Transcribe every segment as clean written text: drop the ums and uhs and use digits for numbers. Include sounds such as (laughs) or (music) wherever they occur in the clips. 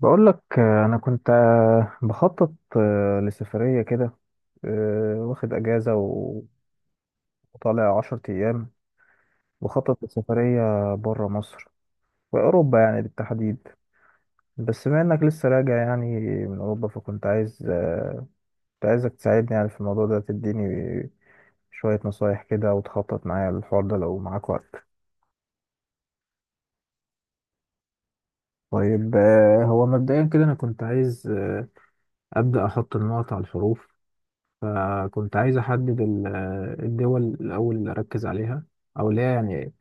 بقول لك، انا كنت، بخطط، لسفريه كده. واخد اجازه وطالع 10 ايام. بخطط لسفريه بره مصر، في اوروبا يعني بالتحديد. بس بما انك لسه راجع يعني من اوروبا، فكنت عايز آه، كنت عايزك تساعدني يعني في الموضوع ده، تديني شويه نصايح كده وتخطط معايا للحوار ده لو معاك وقت. طيب، هو مبدئيا كده انا كنت عايز ابدا احط النقط على الحروف. فكنت عايز أحدد الدول الأول اللي أركز عليها، أو اللي هي يعني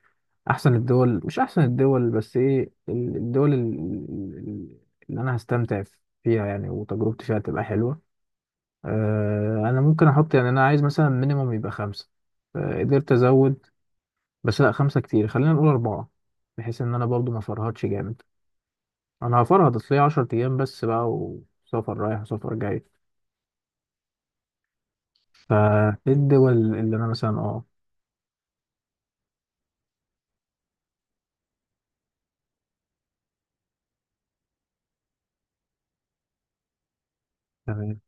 أحسن الدول. مش أحسن الدول بس، إيه ال- اللي أنا هستمتع فيها يعني، وتجربتي فيها تبقى حلوة. أنا ممكن أحط، يعني أنا عايز مثلا مينيموم يبقى خمسة. قدرت أزود. بس لأ، خمسة كتير، خلينا نقول أربعة، بحيث إن أنا برضو ما أفرهدش جامد. أنا هفرهد، أصل هي 10 أيام بس بقى، وسفر رايح وسفر جاي. فإيه الدول اللي أنا مثلا تمام.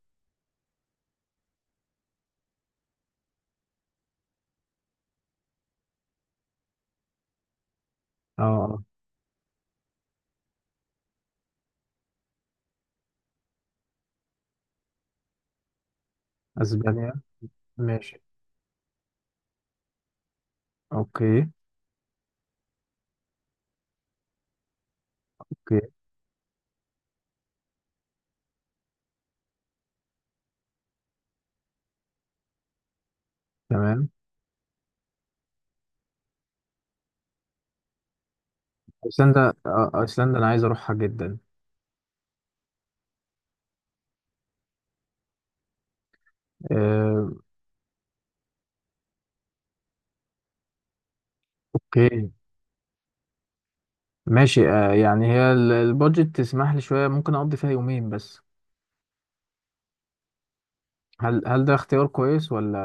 اه. اسبانيا. ماشي. اوكي، اوكي. تمام. ايسلندا. ايسلندا انا عايز اروحها جدا. آه، اوكي، ماشي. يعني هي البادجت تسمح لي شويه، ممكن اقضي فيها يومين بس. هل ده اختيار كويس؟ ولا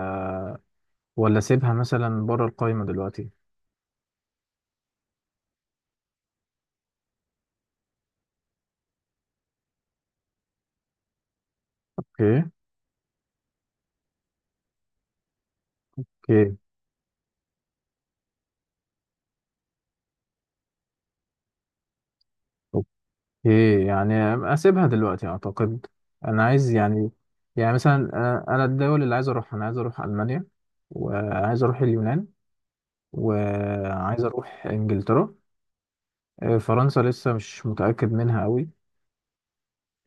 ولا اسيبها مثلا بره القائمه دلوقتي؟ اوكي، اوكي، اوكي. يعني اسيبها دلوقتي اعتقد. انا عايز يعني. يعني مثلا، انا الدول اللي عايز اروحها، انا عايز اروح المانيا، وعايز اروح اليونان، وعايز اروح انجلترا. فرنسا لسه مش متأكد منها قوي.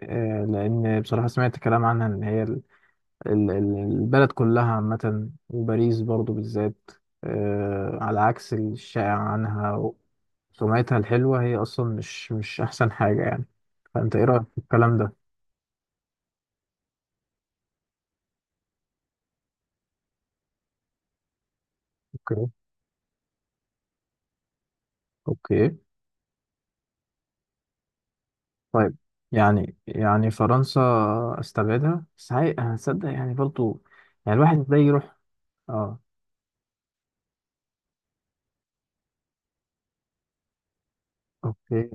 لأن بصراحة سمعت كلام عنها إن هي البلد كلها عامة، وباريس برضو بالذات. على عكس الشائع عنها، سمعتها الحلوة هي أصلا مش أحسن حاجة يعني. فأنت إيه رأيك في الكلام ده؟ اوكي. أوكي. طيب. يعني فرنسا أستبعدها، بس هتصدق يعني برضو، يعني الواحد ده يروح. أه. أوكي.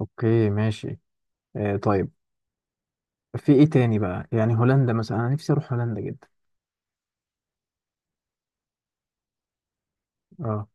أوكي، ماشي. طيب. في ايه تاني بقى؟ يعني هولندا مثلا، انا نفسي اروح هولندا جدا. اه.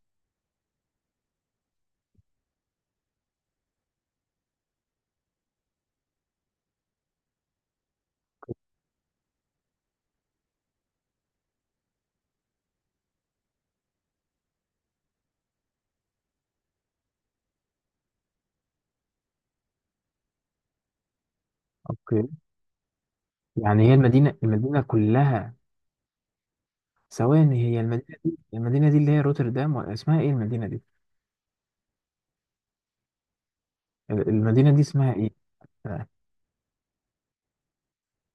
اوكي. يعني هي المدينه كلها. ثواني، هي المدينه دي اللي هي روتردام ولا اسمها ايه المدينه دي؟ المدينه دي اسمها ايه؟ آه،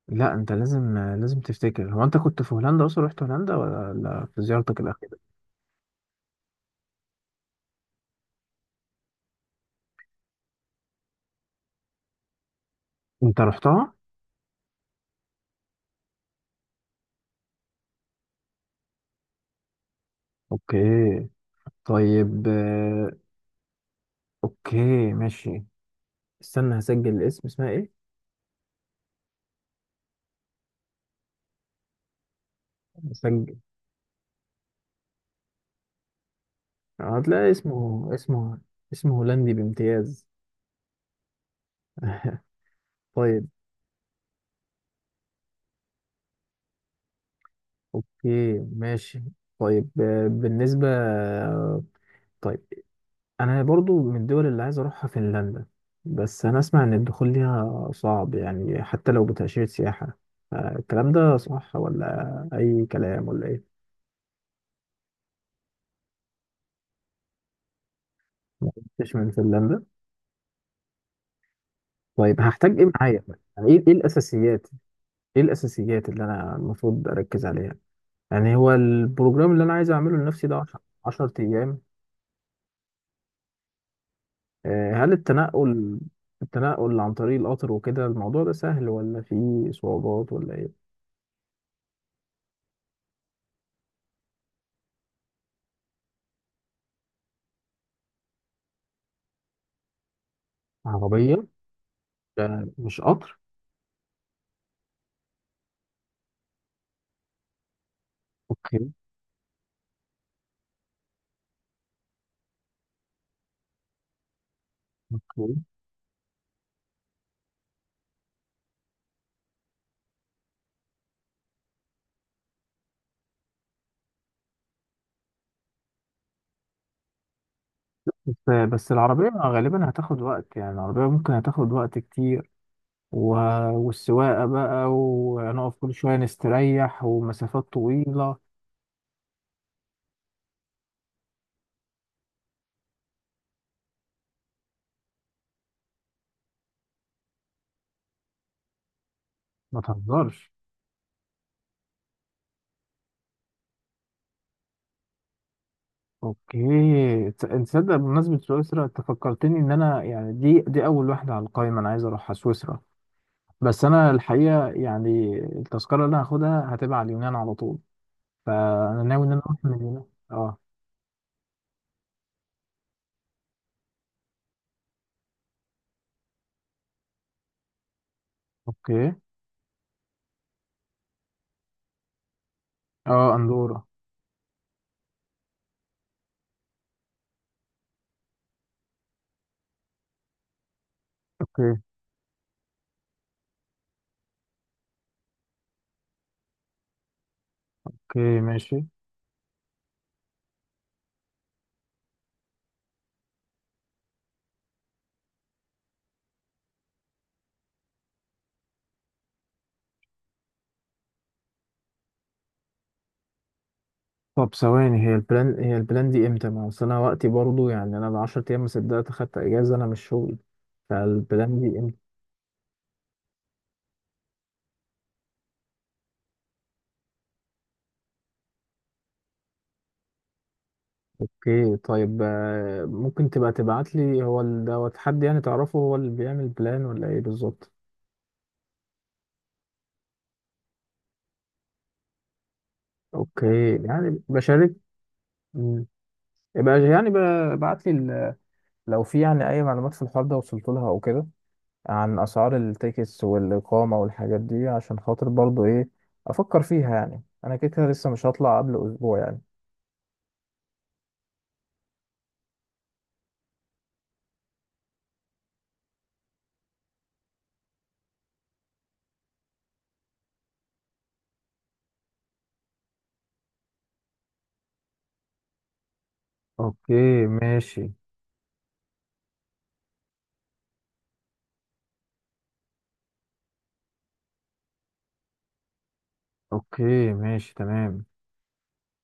لا، انت لازم لازم تفتكر. هو انت كنت في هولندا اصلا، رحت هولندا ولا لا في زيارتك الاخيره؟ انت رحتها؟ اوكي. طيب. اوكي، ماشي. استنى، هسجل الاسم. اسمها ايه؟ هسجل. هتلاقي اسمه هولندي بامتياز. (laughs) طيب. اوكي، ماشي. طيب، بالنسبة. طيب، انا برضو من الدول اللي عايز اروحها فنلندا. بس انا اسمع ان الدخول ليها صعب يعني، حتى لو بتأشيرة سياحة. الكلام ده صح ولا اي كلام ولا ايه؟ ما كنتش من فنلندا. طيب هحتاج ايه معايا؟ يعني ايه إيه الاساسيات. ايه الاساسيات اللي انا المفروض اركز عليها؟ يعني هو البروجرام اللي انا عايز اعمله لنفسي ده 10 ايام. هل التنقل التنقل عن طريق القطر وكده، الموضوع ده سهل ولا فيه صعوبات ولا ايه؟ عربية، ده مش قطر؟ اوكي. اوكي. بس العربية غالبا هتاخد وقت، يعني العربية ممكن هتاخد وقت كتير. و... والسواقة بقى، وهنقف كل شوية نستريح، ومسافات طويلة. ما تهزرش. اوكي. انت تصدق؟ بمناسبة سويسرا، انت فكرتني ان انا يعني دي اول واحدة على القائمة، انا عايز اروحها سويسرا. بس انا الحقيقه يعني التذكره اللي هاخدها هتبقى على اليونان على طول، فانا ناوي ان انا اروح من اليونان. اه. اوكي. اه، اندورا. اوكي. اوكي، ماشي. طب ثواني، هي البلان دي امتى؟ ما اصل انا وقتي برضو يعني انا ب 10 ايام، ما صدقت اخدت اجازه، انا مش شغل. فالبلان دي امتى؟ اوكي، طيب. ممكن تبقى تبعت لي، هو دوت حد يعني تعرفه هو اللي بيعمل بلان ولا ايه بالظبط؟ اوكي، يعني بشارك. مم. يبقى يعني ابعت لي لو في يعني اي معلومات في الحوار ده وصلت لها او كده، عن اسعار التيكتس والاقامه والحاجات دي، عشان خاطر برضو ايه، افكر فيها. يعني انا كده كده لسه مش هطلع قبل اسبوع يعني. اوكي، ماشي. اوكي، ماشي، تمام.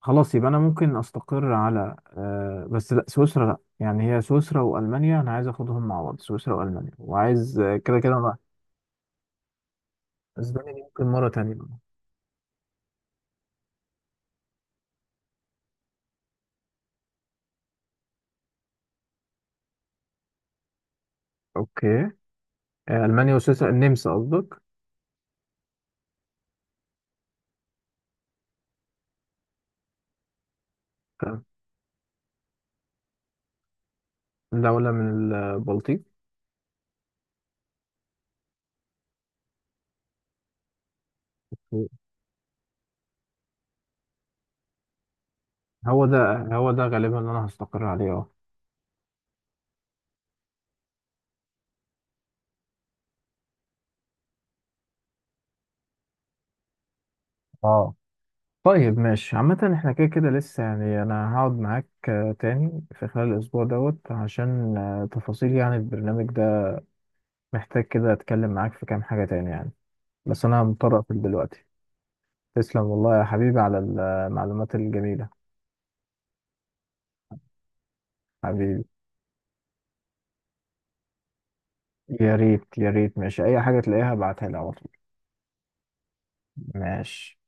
خلاص، يبقى انا ممكن استقر على بس، لا سويسرا. لا، يعني هي سويسرا والمانيا، انا عايز اخدهم مع بعض. سويسرا والمانيا، وعايز كده كده بقى. اسبانيا دي ممكن مره تانية بقى. اوكي. المانيا وسويسرا، النمسا قصدك؟ كان دوله من البلطيق. هو ده هو ده غالبا اللي انا هستقر عليه. اه. اه، طيب. ماشي عامة، احنا كده كده لسه يعني انا هقعد معاك تاني في خلال الاسبوع دوت، عشان تفاصيل يعني البرنامج ده. محتاج كده اتكلم معاك في كام حاجة تاني يعني، بس انا مضطر اقفل دلوقتي. تسلم والله يا حبيبي على المعلومات الجميلة. حبيبي. يا ريت، يا ريت. ماشي، اي حاجة تلاقيها ابعتها لي على طول. ماشي.